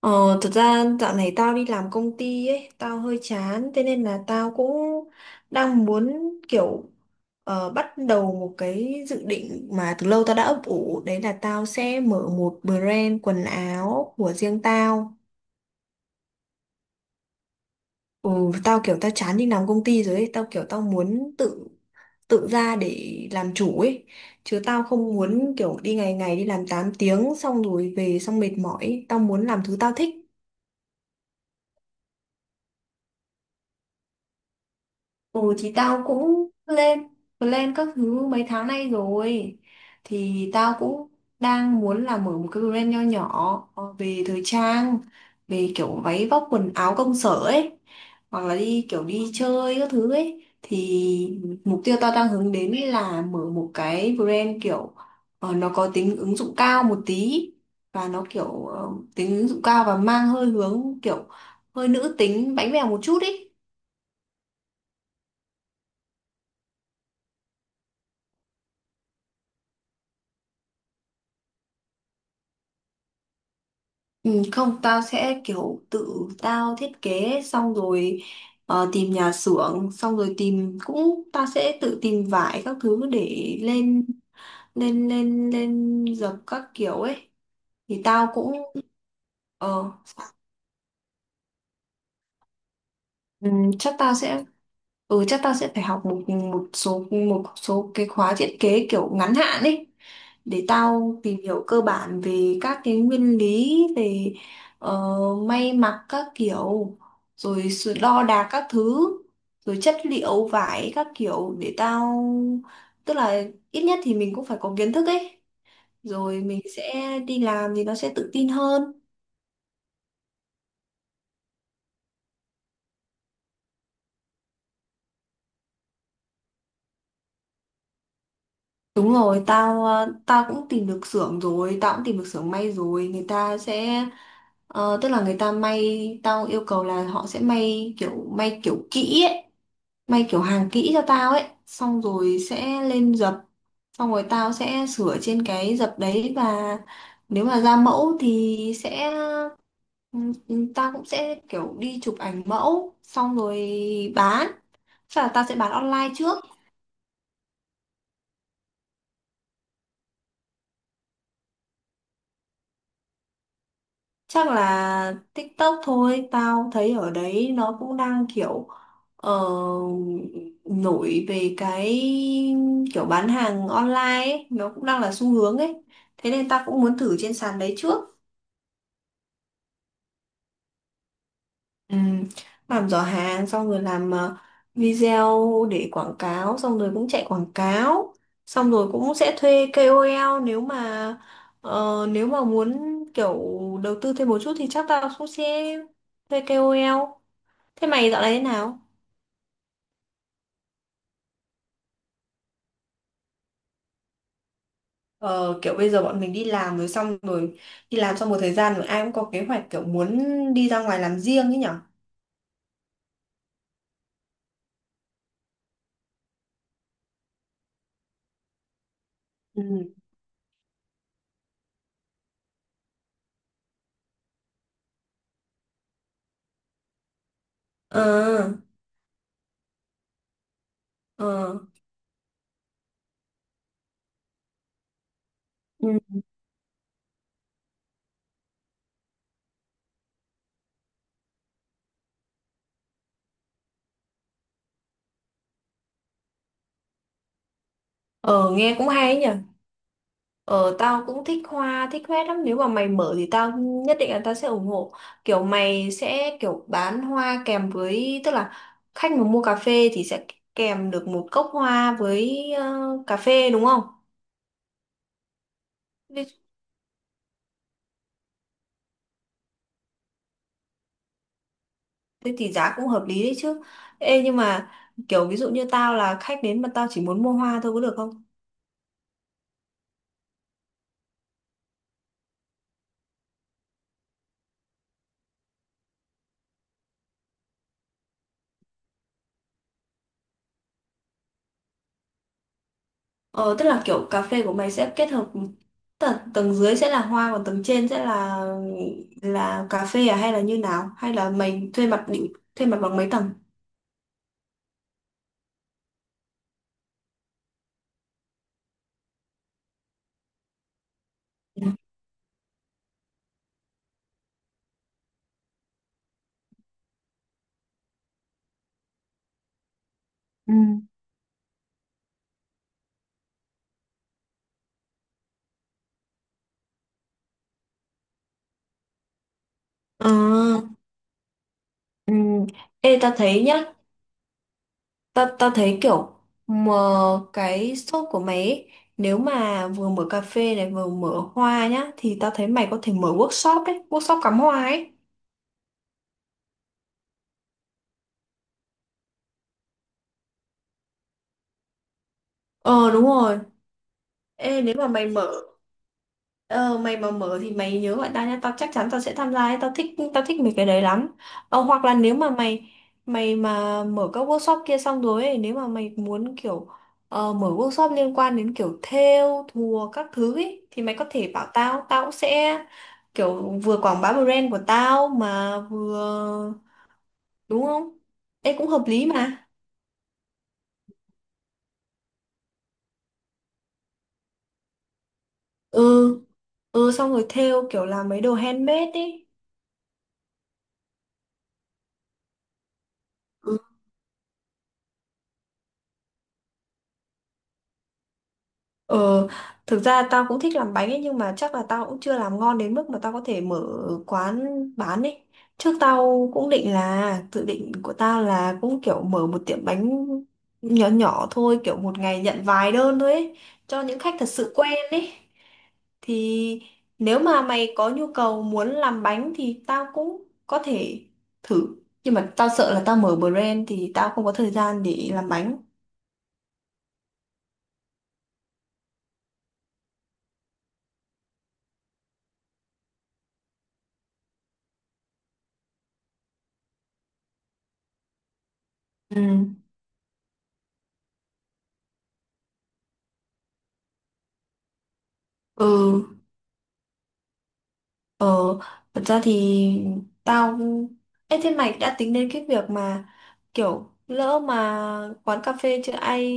Ờ, thật ra dạo này tao đi làm công ty ấy, tao hơi chán, thế nên là tao cũng đang muốn kiểu bắt đầu một cái dự định mà từ lâu tao đã ấp ủ, đấy là tao sẽ mở một brand quần áo của riêng tao. Ừ, tao kiểu tao chán đi làm công ty rồi ấy, tao kiểu tao muốn tự tự ra để làm chủ ấy, chứ tao không muốn kiểu đi ngày ngày đi làm 8 tiếng xong rồi về xong mệt mỏi, ấy. Tao muốn làm thứ tao thích. Ừ thì tao cũng lên plan các thứ mấy tháng nay rồi thì tao cũng đang muốn là mở một cái brand nho nhỏ về thời trang, về kiểu váy vóc quần áo công sở ấy hoặc là đi kiểu đi chơi các thứ ấy thì mục tiêu tao đang hướng đến ấy là mở một cái brand kiểu nó có tính ứng dụng cao một tí và nó kiểu tính ứng dụng cao và mang hơi hướng kiểu hơi nữ tính bánh bèo một chút ý. Ừ, không, tao sẽ kiểu tự tao thiết kế xong rồi tìm nhà xưởng, xong rồi tìm cũng tao sẽ tự tìm vải các thứ để lên lên lên lên dập các kiểu ấy thì tao cũng ờ Ừ, chắc tao sẽ ừ chắc tao sẽ phải học một một số cái khóa thiết kế kiểu ngắn hạn ấy để tao tìm hiểu cơ bản về các cái nguyên lý về ờ, may mặc các kiểu, rồi sự đo đạc các thứ, rồi chất liệu vải các kiểu để tao tức là ít nhất thì mình cũng phải có kiến thức ấy, rồi mình sẽ đi làm thì nó sẽ tự tin hơn. Đúng rồi, tao cũng tìm được xưởng rồi, tao cũng tìm được xưởng may rồi, người ta sẽ, tức là người ta may, tao yêu cầu là họ sẽ may kiểu kỹ ấy, may kiểu hàng kỹ cho tao ấy, xong rồi sẽ lên dập, xong rồi tao sẽ sửa trên cái dập đấy và nếu mà ra mẫu thì sẽ ừ, Tao cũng sẽ kiểu đi chụp ảnh mẫu xong rồi bán, chắc là tao sẽ bán online trước. Chắc là TikTok thôi, tao thấy ở đấy nó cũng đang kiểu ờ, nổi về cái kiểu bán hàng online ấy, nó cũng đang là xu hướng ấy. Thế nên tao cũng muốn thử trên sàn đấy trước. Ừ, làm giỏ hàng xong rồi làm video để quảng cáo, xong rồi cũng chạy quảng cáo, xong rồi cũng sẽ thuê KOL nếu mà muốn kiểu đầu tư thêm một chút thì chắc tao cũng sẽ thuê KOL. Thế mày dạo này thế nào? Ờ, kiểu bây giờ bọn mình đi làm rồi, xong rồi đi làm xong một thời gian rồi ai cũng có kế hoạch kiểu muốn đi ra ngoài làm riêng ấy nhở. Ừ. Ờ, ờ, ừ. Ờ, Nghe cũng hay ấy nhỉ. Ờ, tao cũng thích hoa lắm. Nếu mà mày mở thì tao nhất định là tao sẽ ủng hộ. Kiểu mày sẽ kiểu bán hoa kèm với, tức là khách mà mua cà phê thì sẽ kèm được một cốc hoa với cà phê, đúng không? Thế thì giá cũng hợp lý đấy chứ. Ê nhưng mà kiểu ví dụ như tao là khách đến mà tao chỉ muốn mua hoa thôi có được không? Ờ, tức là kiểu cà phê của mày sẽ kết hợp tầng dưới sẽ là hoa còn tầng trên sẽ là cà phê, à hay là như nào? Hay là mày thuê mặt bằng mấy tầng? Ừ. Ừ. Ờ. Ừ. Ê, tao thấy nhá, ta thấy kiểu mà cái shop của mày ấy, nếu mà vừa mở cà phê này vừa mở hoa nhá thì ta thấy mày có thể mở workshop ấy, workshop cắm hoa ấy. Ờ đúng rồi, ê, nếu mà mày mà mở thì mày nhớ gọi tao nha, tao chắc chắn tao sẽ tham gia ấy. Tao thích, tao thích mấy cái đấy lắm. Hoặc là nếu mà mày mày mà mở các workshop kia xong rồi ấy, nếu mà mày muốn kiểu mở workshop liên quan đến kiểu thêu thùa các thứ ấy, thì mày có thể bảo tao tao cũng sẽ kiểu vừa quảng bá brand của tao mà vừa, đúng không? Ê cũng hợp lý mà. Ừ, ừ, xong rồi thêu kiểu làm mấy đồ handmade ấy. Ừ. Ờ, thực ra tao cũng thích làm bánh ấy nhưng mà chắc là tao cũng chưa làm ngon đến mức mà tao có thể mở quán bán ấy. Trước tao cũng định là dự định của tao là cũng kiểu mở một tiệm bánh nhỏ nhỏ thôi, kiểu một ngày nhận vài đơn thôi ấy, cho những khách thật sự quen ấy. Thì nếu mà mày có nhu cầu muốn làm bánh thì tao cũng có thể thử. Nhưng mà tao sợ là tao mở brand thì tao không có thời gian để làm bánh. Ừ. Ừ. Ờ, thật ra thì tao... ê, thế mày đã tính đến cái việc mà kiểu lỡ mà quán cà phê chưa ai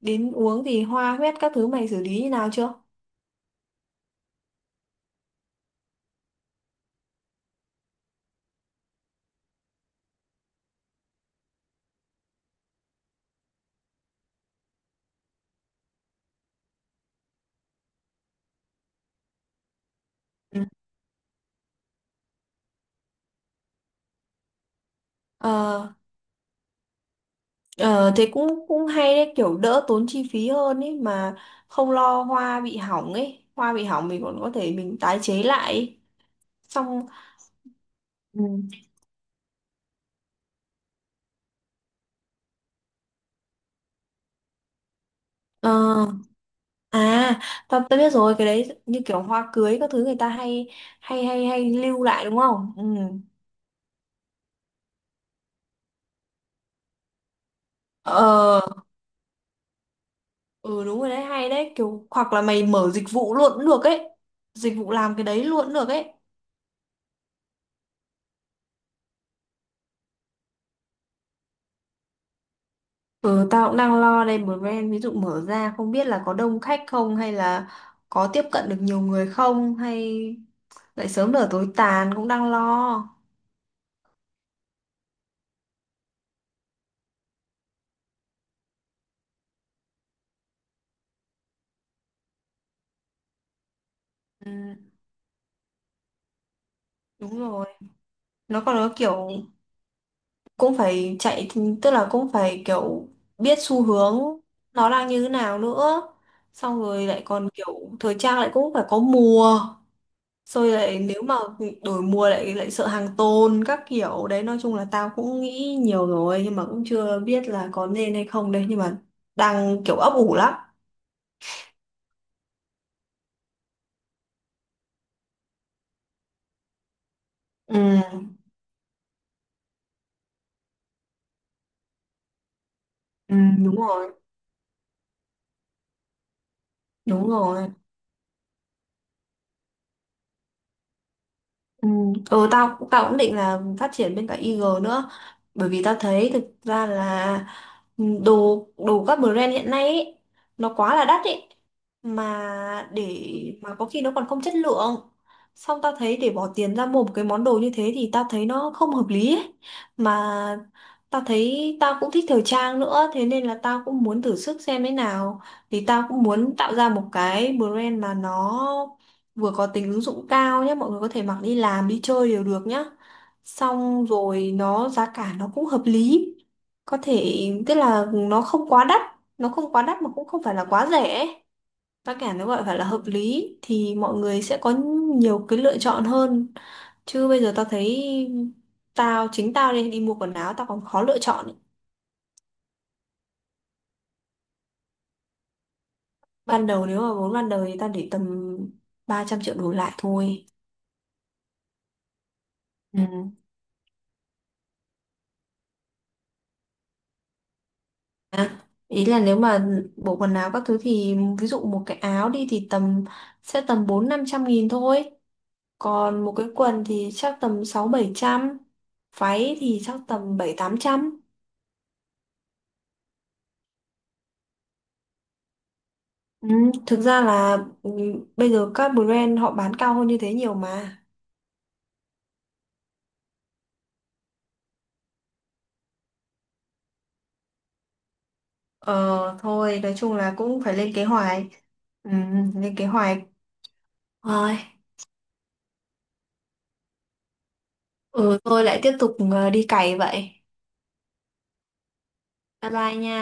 đến uống thì hoa huyét các thứ mày xử lý như nào chưa? Ừ. Ờ, ờ, thế cũng cũng hay đấy, kiểu đỡ tốn chi phí hơn ấy mà, không lo hoa bị hỏng ấy, hoa bị hỏng mình còn có thể mình tái chế lại ấy. Xong. Ừ. Ờ, à, tao tao biết rồi, cái đấy như kiểu hoa cưới các thứ người ta hay hay hay hay lưu lại đúng không? Ừ. Ờ, ừ đúng rồi đấy, hay đấy, kiểu hoặc là mày mở dịch vụ luôn cũng được ấy. Dịch vụ làm cái đấy luôn cũng được ấy. Ừ, tao cũng đang lo đây, brand ví dụ mở ra không biết là có đông khách không, hay là có tiếp cận được nhiều người không, hay lại sớm nở tối tàn, cũng đang lo. Ừ, đúng rồi. Nó còn có kiểu cũng phải chạy, tức là cũng phải kiểu biết xu hướng nó đang như thế nào nữa, xong rồi lại còn kiểu thời trang lại cũng phải có mùa, rồi lại nếu mà đổi mùa lại lại sợ hàng tồn các kiểu đấy, nói chung là tao cũng nghĩ nhiều rồi nhưng mà cũng chưa biết là có nên hay không đấy nhưng mà đang kiểu ấp ủ lắm. Ừ, ừ, đúng rồi, đúng rồi. Ừ, ừ, tao tao cũng định là phát triển bên cả Eagle nữa bởi vì tao thấy thực ra là ừ, đồ đồ các brand hiện nay ấy, nó quá là đắt ấy mà để mà có khi nó còn không chất lượng, xong tao thấy để bỏ tiền ra mua một cái món đồ như thế thì tao thấy nó không hợp lý ấy. Mà tao thấy tao cũng thích thời trang nữa thế nên là tao cũng muốn thử sức xem thế nào, thì tao cũng muốn tạo ra một cái brand mà nó vừa có tính ứng dụng cao nhé, mọi người có thể mặc đi làm, đi chơi đều được nhá, xong rồi nó giá cả nó cũng hợp lý, có thể tức là nó không quá đắt, nó không quá đắt mà cũng không phải là quá rẻ ấy. Giá cả nó gọi phải là hợp lý thì mọi người sẽ có nhiều cái lựa chọn hơn, chứ bây giờ tao thấy tao chính tao đi đi mua quần áo tao còn khó lựa chọn ấy. Ban đầu nếu mà vốn ban đầu thì tao để tầm 300 triệu đổ lại thôi. Ừ. À, ý là nếu mà bộ quần áo các thứ thì ví dụ một cái áo đi thì tầm sẽ 400-500 nghìn thôi, còn một cái quần thì chắc tầm 600-700, váy thì chắc tầm 700-800. Ừ, thực ra là ừ, bây giờ các brand họ bán cao hơn như thế nhiều mà. Ờ thôi nói chung là cũng phải lên kế hoạch, ừ, lên kế hoạch rồi, ừ tôi lại tiếp tục đi cày vậy. Bye bye nha.